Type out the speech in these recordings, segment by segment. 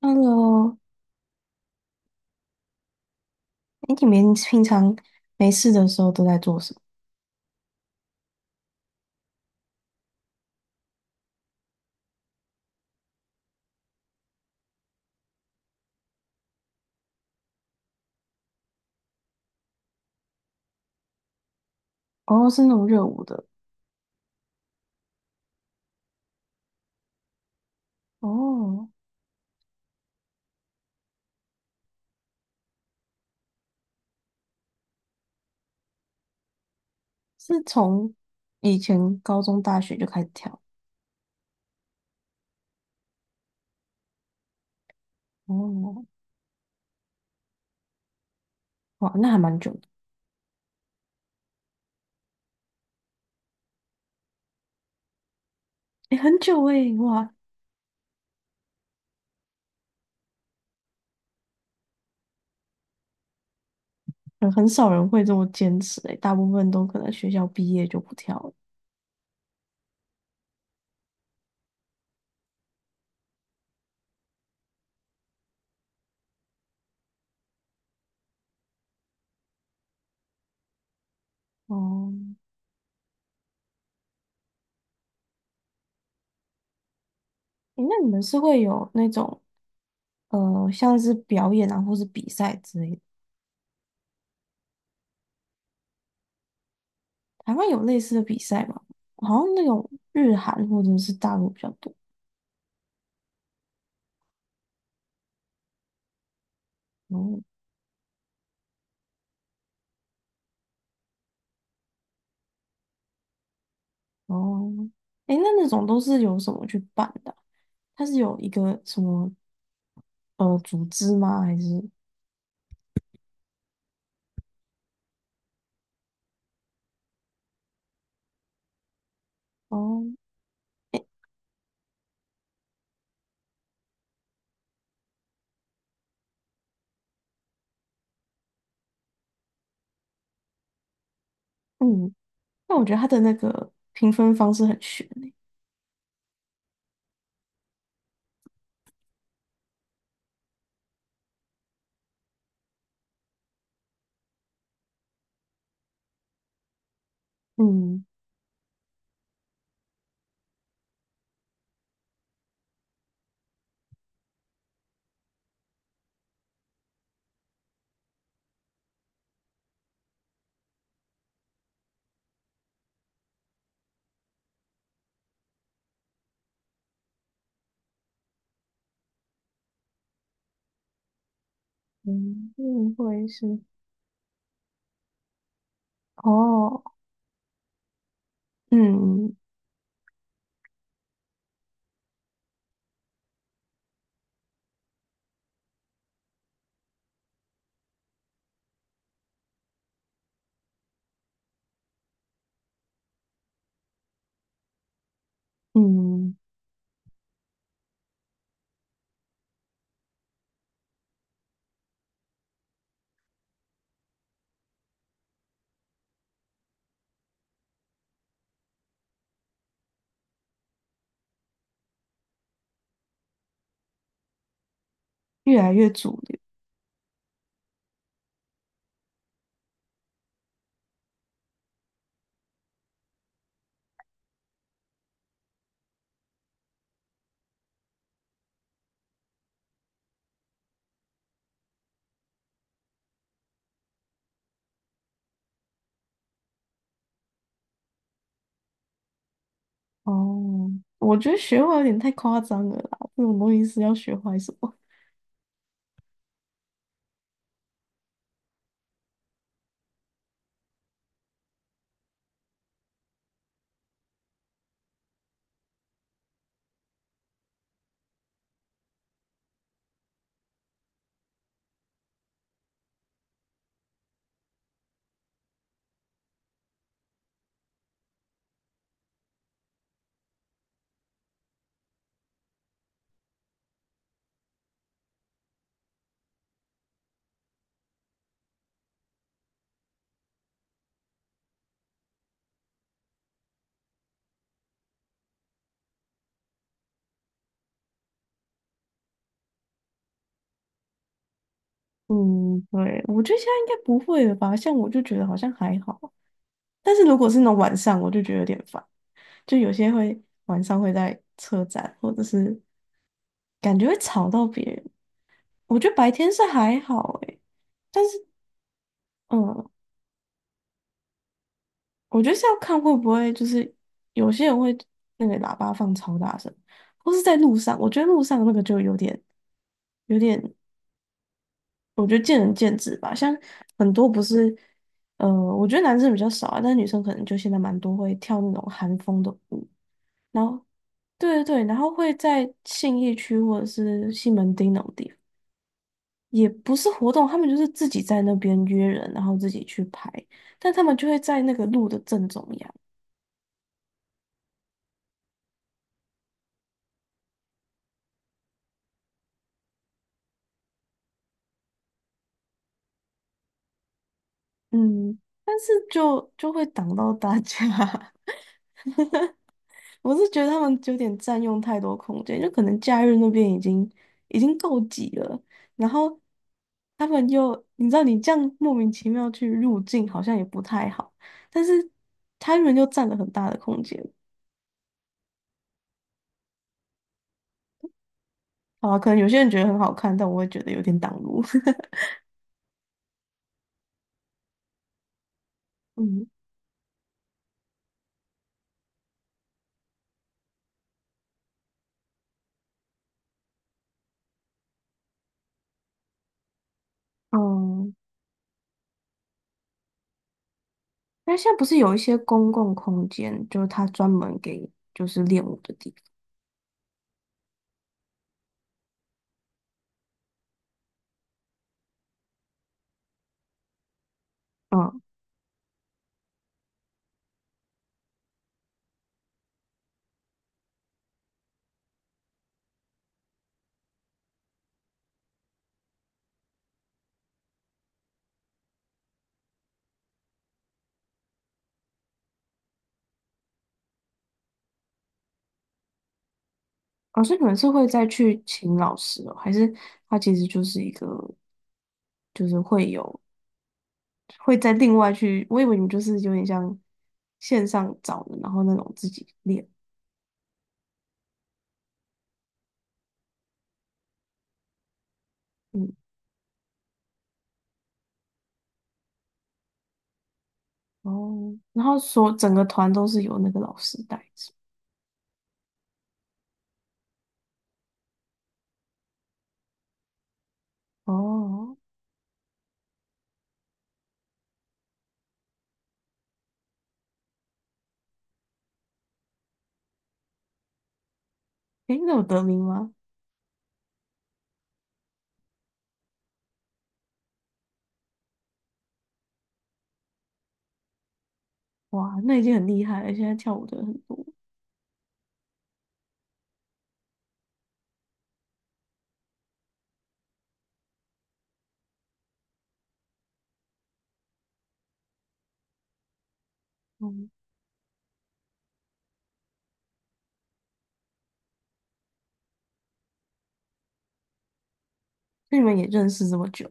Hello，哎，你们平常没事的时候都在做什么？哦，是那种热舞的，哦，是从以前高中、大学就开始跳，哦，哇，那还蛮久的，哎，很久哎，哇，很少人会这么坚持哎，大部分都可能学校毕业就不跳了，哦，哎，那你们是会有那种像是表演啊，或是比赛之类的？台湾有类似的比赛吗？好像那种日韩或者是大陆比较多，哦。哦，哎，那那种都是由什么去办的啊？它是有一个什么组织吗？还是哦，诶，嗯，那我觉得它的那个评分方式很悬诶。嗯嗯，嗯，会是哦，嗯嗯，越来越主流哦。我觉得学坏有点太夸张了啦，这种东西是要学坏什么？嗯，对，我觉得现在应该不会了吧？像我就觉得好像还好啊，但是如果是那种晚上，我就觉得有点烦。就有些会晚上会在车站，或者是感觉会吵到别人。我觉得白天是还好诶，但是嗯，我觉得是要看会不会就是有些人会那个喇叭放超大声，或是在路上，我觉得路上那个就有点有点。我觉得见仁见智吧，像很多不是，我觉得男生比较少啊，但是女生可能就现在蛮多会跳那种韩风的舞，然后，对对对，然后会在信义区或者是西门町那种地方，也不是活动，他们就是自己在那边约人，然后自己去拍，但他们就会在那个路的正中央，嗯，但是就会挡到大家，我是觉得他们有点占用太多空间，就可能假日那边已经已经够挤了，然后他们又你知道你这样莫名其妙去入境好像也不太好，但是他们又占了很大的空间。好啊，可能有些人觉得很好看，但我也觉得有点挡路。嗯嗯，那现在不是有一些公共空间，就是他专门给就是练舞的地方。老师你们是会再去请老师哦，还是他其实就是一个，就是会有会再另外去，我以为你们就是有点像线上找的，然后那种自己练，嗯，哦，然后说整个团都是由那个老师带着，哦，诶，那有得名吗？哇，那已经很厉害了，现在跳舞的人很多，嗯，那你们也认识这么久，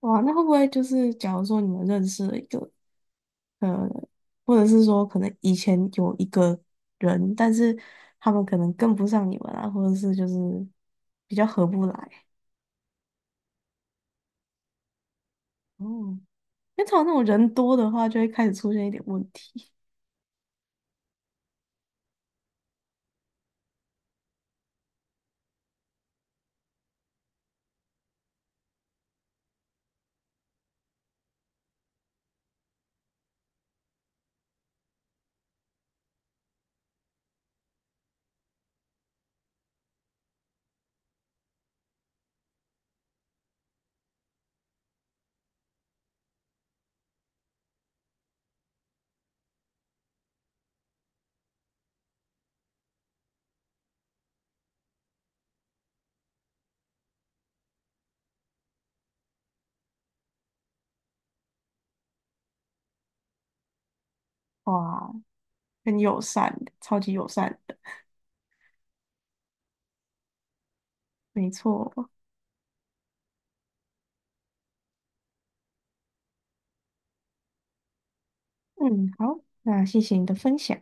哇，那会不会就是假如说你们认识了一个？呃，或者是说可能以前有一个人，但是他们可能跟不上你们啊，或者是就是比较合不来。哦，因为通常那种人多的话，就会开始出现一点问题。哇，很友善的，超级友善的，没错。嗯，好，那谢谢你的分享。